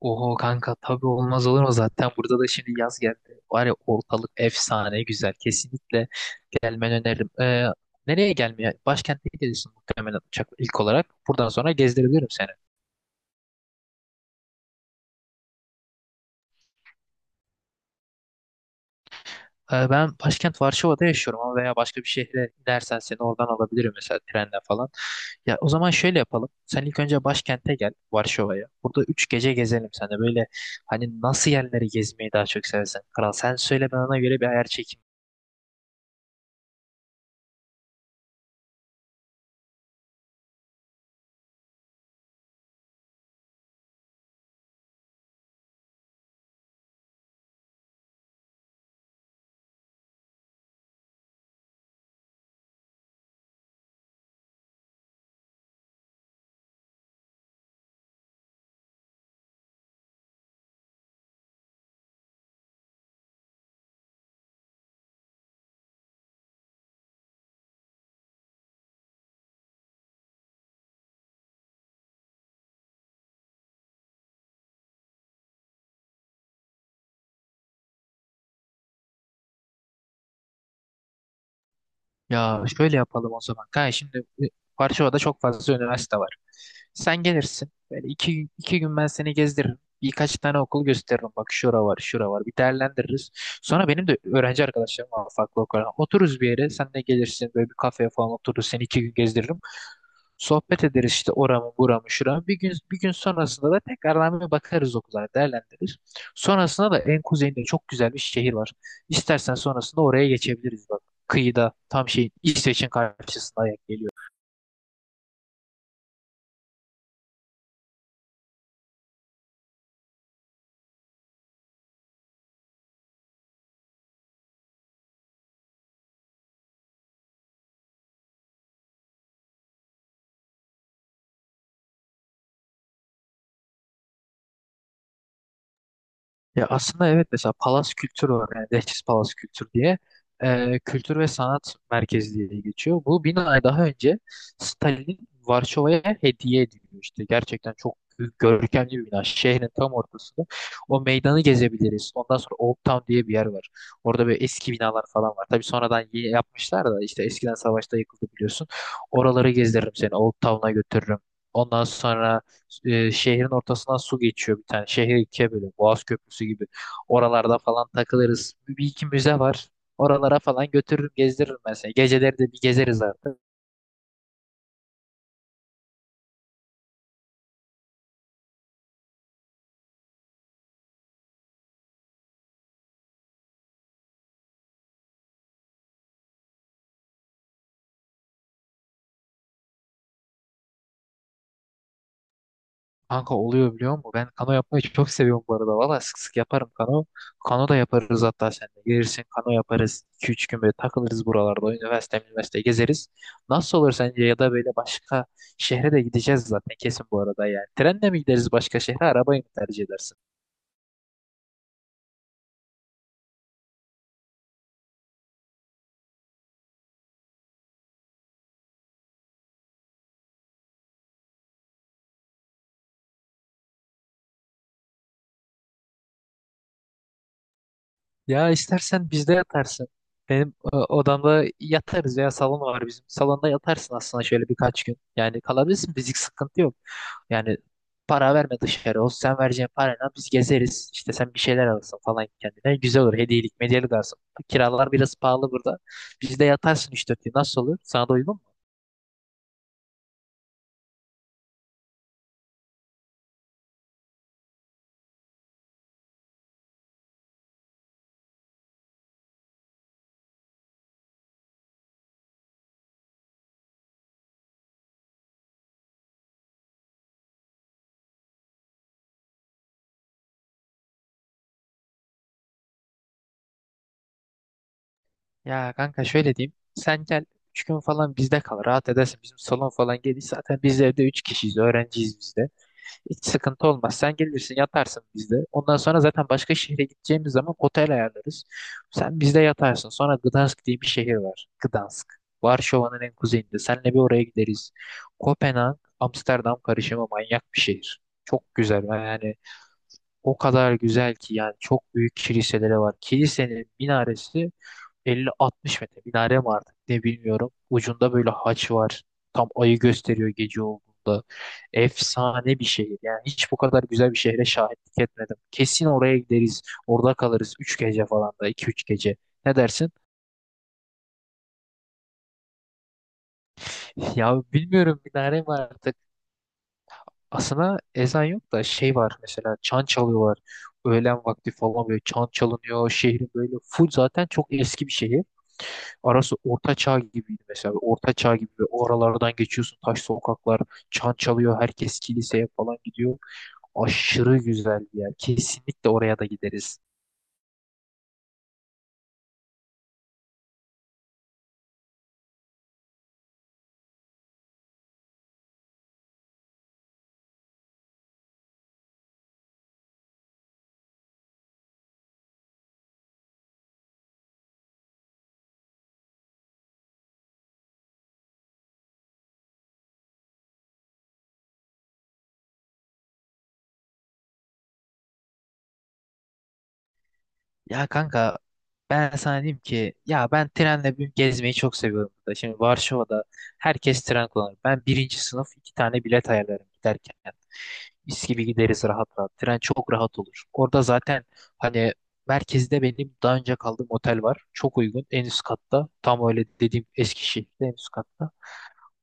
Oho kanka tabii olmaz olur mu zaten burada da şimdi yaz geldi. Var ya ortalık efsane güzel. Kesinlikle gelmeni öneririm. Nereye gelmeye? Başkente gidiyorsun muhtemelen uçakla ilk olarak. Buradan sonra gezdirebilirim seni. Ben başkent Varşova'da yaşıyorum ama veya başka bir şehre inersen seni oradan alabilirim mesela trenle falan. Ya o zaman şöyle yapalım. Sen ilk önce başkente gel Varşova'ya. Burada 3 gece gezelim sen de böyle hani nasıl yerleri gezmeyi daha çok seversen. Kral sen söyle ben ona göre bir ayar çekeyim. Ya şöyle yapalım o zaman. Kanka şimdi Varşova'da çok fazla üniversite var. Sen gelirsin. Böyle iki gün ben seni gezdiririm. Birkaç tane okul gösteririm. Bak şura var, şura var. Bir değerlendiririz. Sonra benim de öğrenci arkadaşlarım var farklı okullardan. Otururuz bir yere. Sen de gelirsin. Böyle bir kafeye falan otururuz. Seni 2 gün gezdiririm. Sohbet ederiz işte oramı buramı şuramı. Bir gün sonrasında da tekrardan bir bakarız okullara değerlendiririz. Sonrasında da en kuzeyinde çok güzel bir şehir var. İstersen sonrasında oraya geçebiliriz bak. Kıyıda tam şeyin İsveç'in karşısına geliyor. Ya aslında evet mesela Palas Kültür var yani Leftis Palas Kültür diye, kültür ve sanat merkezi diye geçiyor. Bu binayı daha önce Stalin Varşova'ya hediye ediliyor, işte gerçekten çok görkemli bir bina şehrin tam ortasında. O meydanı gezebiliriz. Ondan sonra Old Town diye bir yer var, orada böyle eski binalar falan var. Tabii sonradan yeni yapmışlar da işte, eskiden savaşta yıkıldı biliyorsun. Oraları gezdiririm seni, Old Town'a götürürüm. Ondan sonra şehrin ortasından su geçiyor bir tane. Şehri ikiye böyle, Boğaz Köprüsü gibi. Oralarda falan takılırız. Bir iki müze var. Oralara falan götürürüm gezdiririm mesela seni. Geceleri de bir gezeriz artık. Kanka oluyor biliyor musun? Ben kano yapmayı çok seviyorum bu arada. Valla sık sık yaparım kano. Kano da yaparız hatta seninle. Gelirsin kano yaparız. 2-3 gün böyle takılırız buralarda. Üniversite, üniversite gezeriz. Nasıl olur sence? Ya da böyle başka şehre de gideceğiz zaten kesin bu arada yani. Trenle mi gideriz başka şehre? Arabayı mı tercih edersin? Ya istersen bizde yatarsın. Benim odamda yatarız, ya salon var bizim. Salonda yatarsın aslında şöyle birkaç gün. Yani kalabilirsin, fizik sıkıntı yok. Yani para verme dışarı. O sen vereceğin parayla biz gezeriz. İşte sen bir şeyler alırsın falan kendine. Güzel olur. Hediyelik medyelik alırsın. Kiralar biraz pahalı burada. Bizde yatarsın üç dört gün. Nasıl olur? Sana da uygun mu? Ya kanka şöyle diyeyim. Sen gel 3 gün falan bizde kal. Rahat edersin. Bizim salon falan geniş. Zaten biz evde 3 kişiyiz. Öğrenciyiz biz de. Hiç sıkıntı olmaz. Sen gelirsin yatarsın bizde. Ondan sonra zaten başka şehre gideceğimiz zaman otel ayarlarız. Sen bizde yatarsın. Sonra Gdansk diye bir şehir var. Gdansk. Varşova'nın en kuzeyinde. Seninle bir oraya gideriz. Kopenhag, Amsterdam karışımı manyak bir şehir. Çok güzel. Yani o kadar güzel ki, yani çok büyük kiliseleri var. Kilisenin minaresi 50-60 metre, minare mi artık ne bilmiyorum. Ucunda böyle haç var. Tam ayı gösteriyor gece olduğunda. Efsane bir şehir. Yani hiç bu kadar güzel bir şehre şahitlik etmedim. Kesin oraya gideriz. Orada kalırız 3 gece falan, da iki üç gece. Ne dersin? Ya bilmiyorum, minare mi artık. Aslında ezan yok da şey var mesela, çan çalıyorlar. Öğlen vakti falan böyle çan çalınıyor. Şehrin böyle full, zaten çok eski bir şehir. Arası orta çağ gibiydi mesela. Orta çağ gibi ve o aralardan geçiyorsun. Taş sokaklar, çan çalıyor. Herkes kiliseye falan gidiyor. Aşırı güzel bir yer. Kesinlikle oraya da gideriz. Ya kanka ben sana diyeyim ki, ya ben trenle bir gezmeyi çok seviyorum burada. Şimdi Varşova'da herkes tren kullanır. Ben birinci sınıf 2 tane bilet ayarlarım giderken. Mis gibi gideriz rahat rahat. Tren çok rahat olur. Orada zaten hani merkezde benim daha önce kaldığım otel var. Çok uygun. En üst katta. Tam öyle dediğim Eskişehir'de, en üst katta.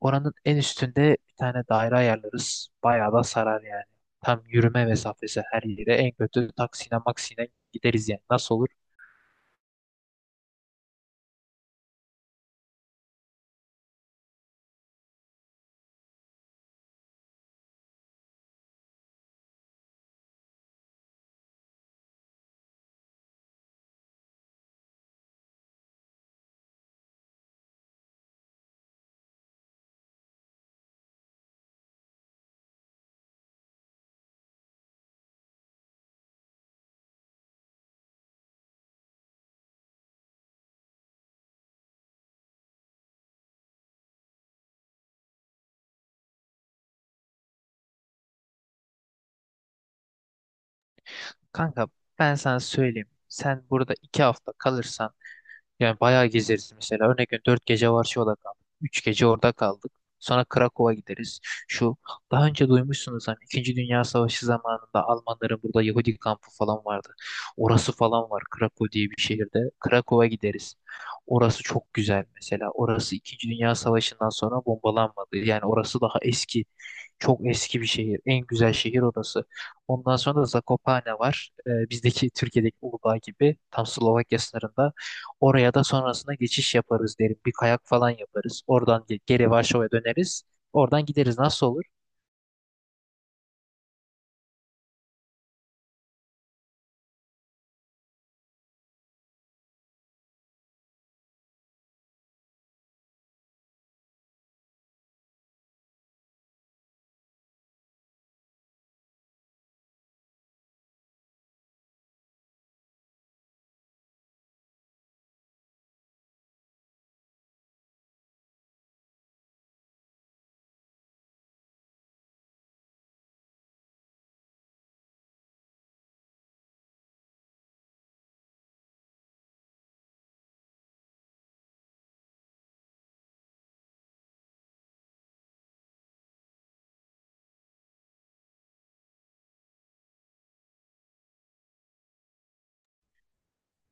Oranın en üstünde bir tane daire ayarlarız. Bayağı da sarar yani. Tam yürüme mesafesi her yere. En kötü taksiyle maksiyle gideriz yani. Nasıl olur? Kanka ben sana söyleyeyim. Sen burada 2 hafta kalırsan yani bayağı gezeriz mesela. Örnek veriyorum, 4 gece Varşova'da kaldık. 3 gece orada kaldık. Sonra Krakow'a gideriz. Şu daha önce duymuşsunuz hani, İkinci Dünya Savaşı zamanında Almanların burada Yahudi kampı falan vardı. Orası falan var Krakow diye bir şehirde. Krakow'a gideriz. Orası çok güzel mesela. Orası İkinci Dünya Savaşı'ndan sonra bombalanmadı. Yani orası daha eski. Çok eski bir şehir. En güzel şehir orası. Ondan sonra da Zakopane var. Bizdeki Türkiye'deki Uludağ gibi, tam Slovakya sınırında. Oraya da sonrasında geçiş yaparız derim. Bir kayak falan yaparız. Oradan geri Varşova'ya döneriz. Oradan gideriz. Nasıl olur?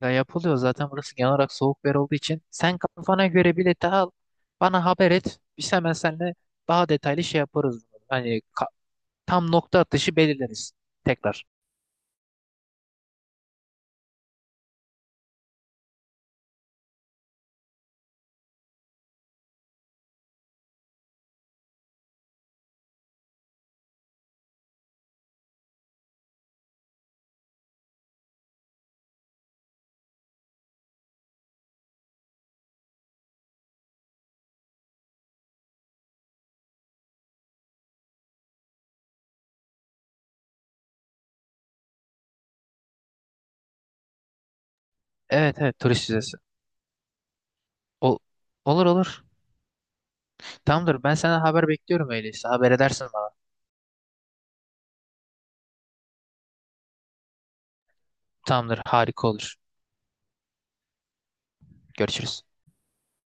Ya yapılıyor zaten, burası genel olarak soğuk bir yer olduğu için. Sen kafana göre bileti al. Bana haber et. Biz hemen seninle daha detaylı şey yaparız. Tam nokta atışı belirleriz. Tekrar. Evet evet, turist vizesi. Ol- olur olur. Tamamdır. Ben senden haber bekliyorum öyleyse. Haber edersin bana. Tamamdır. Harika olur. Görüşürüz.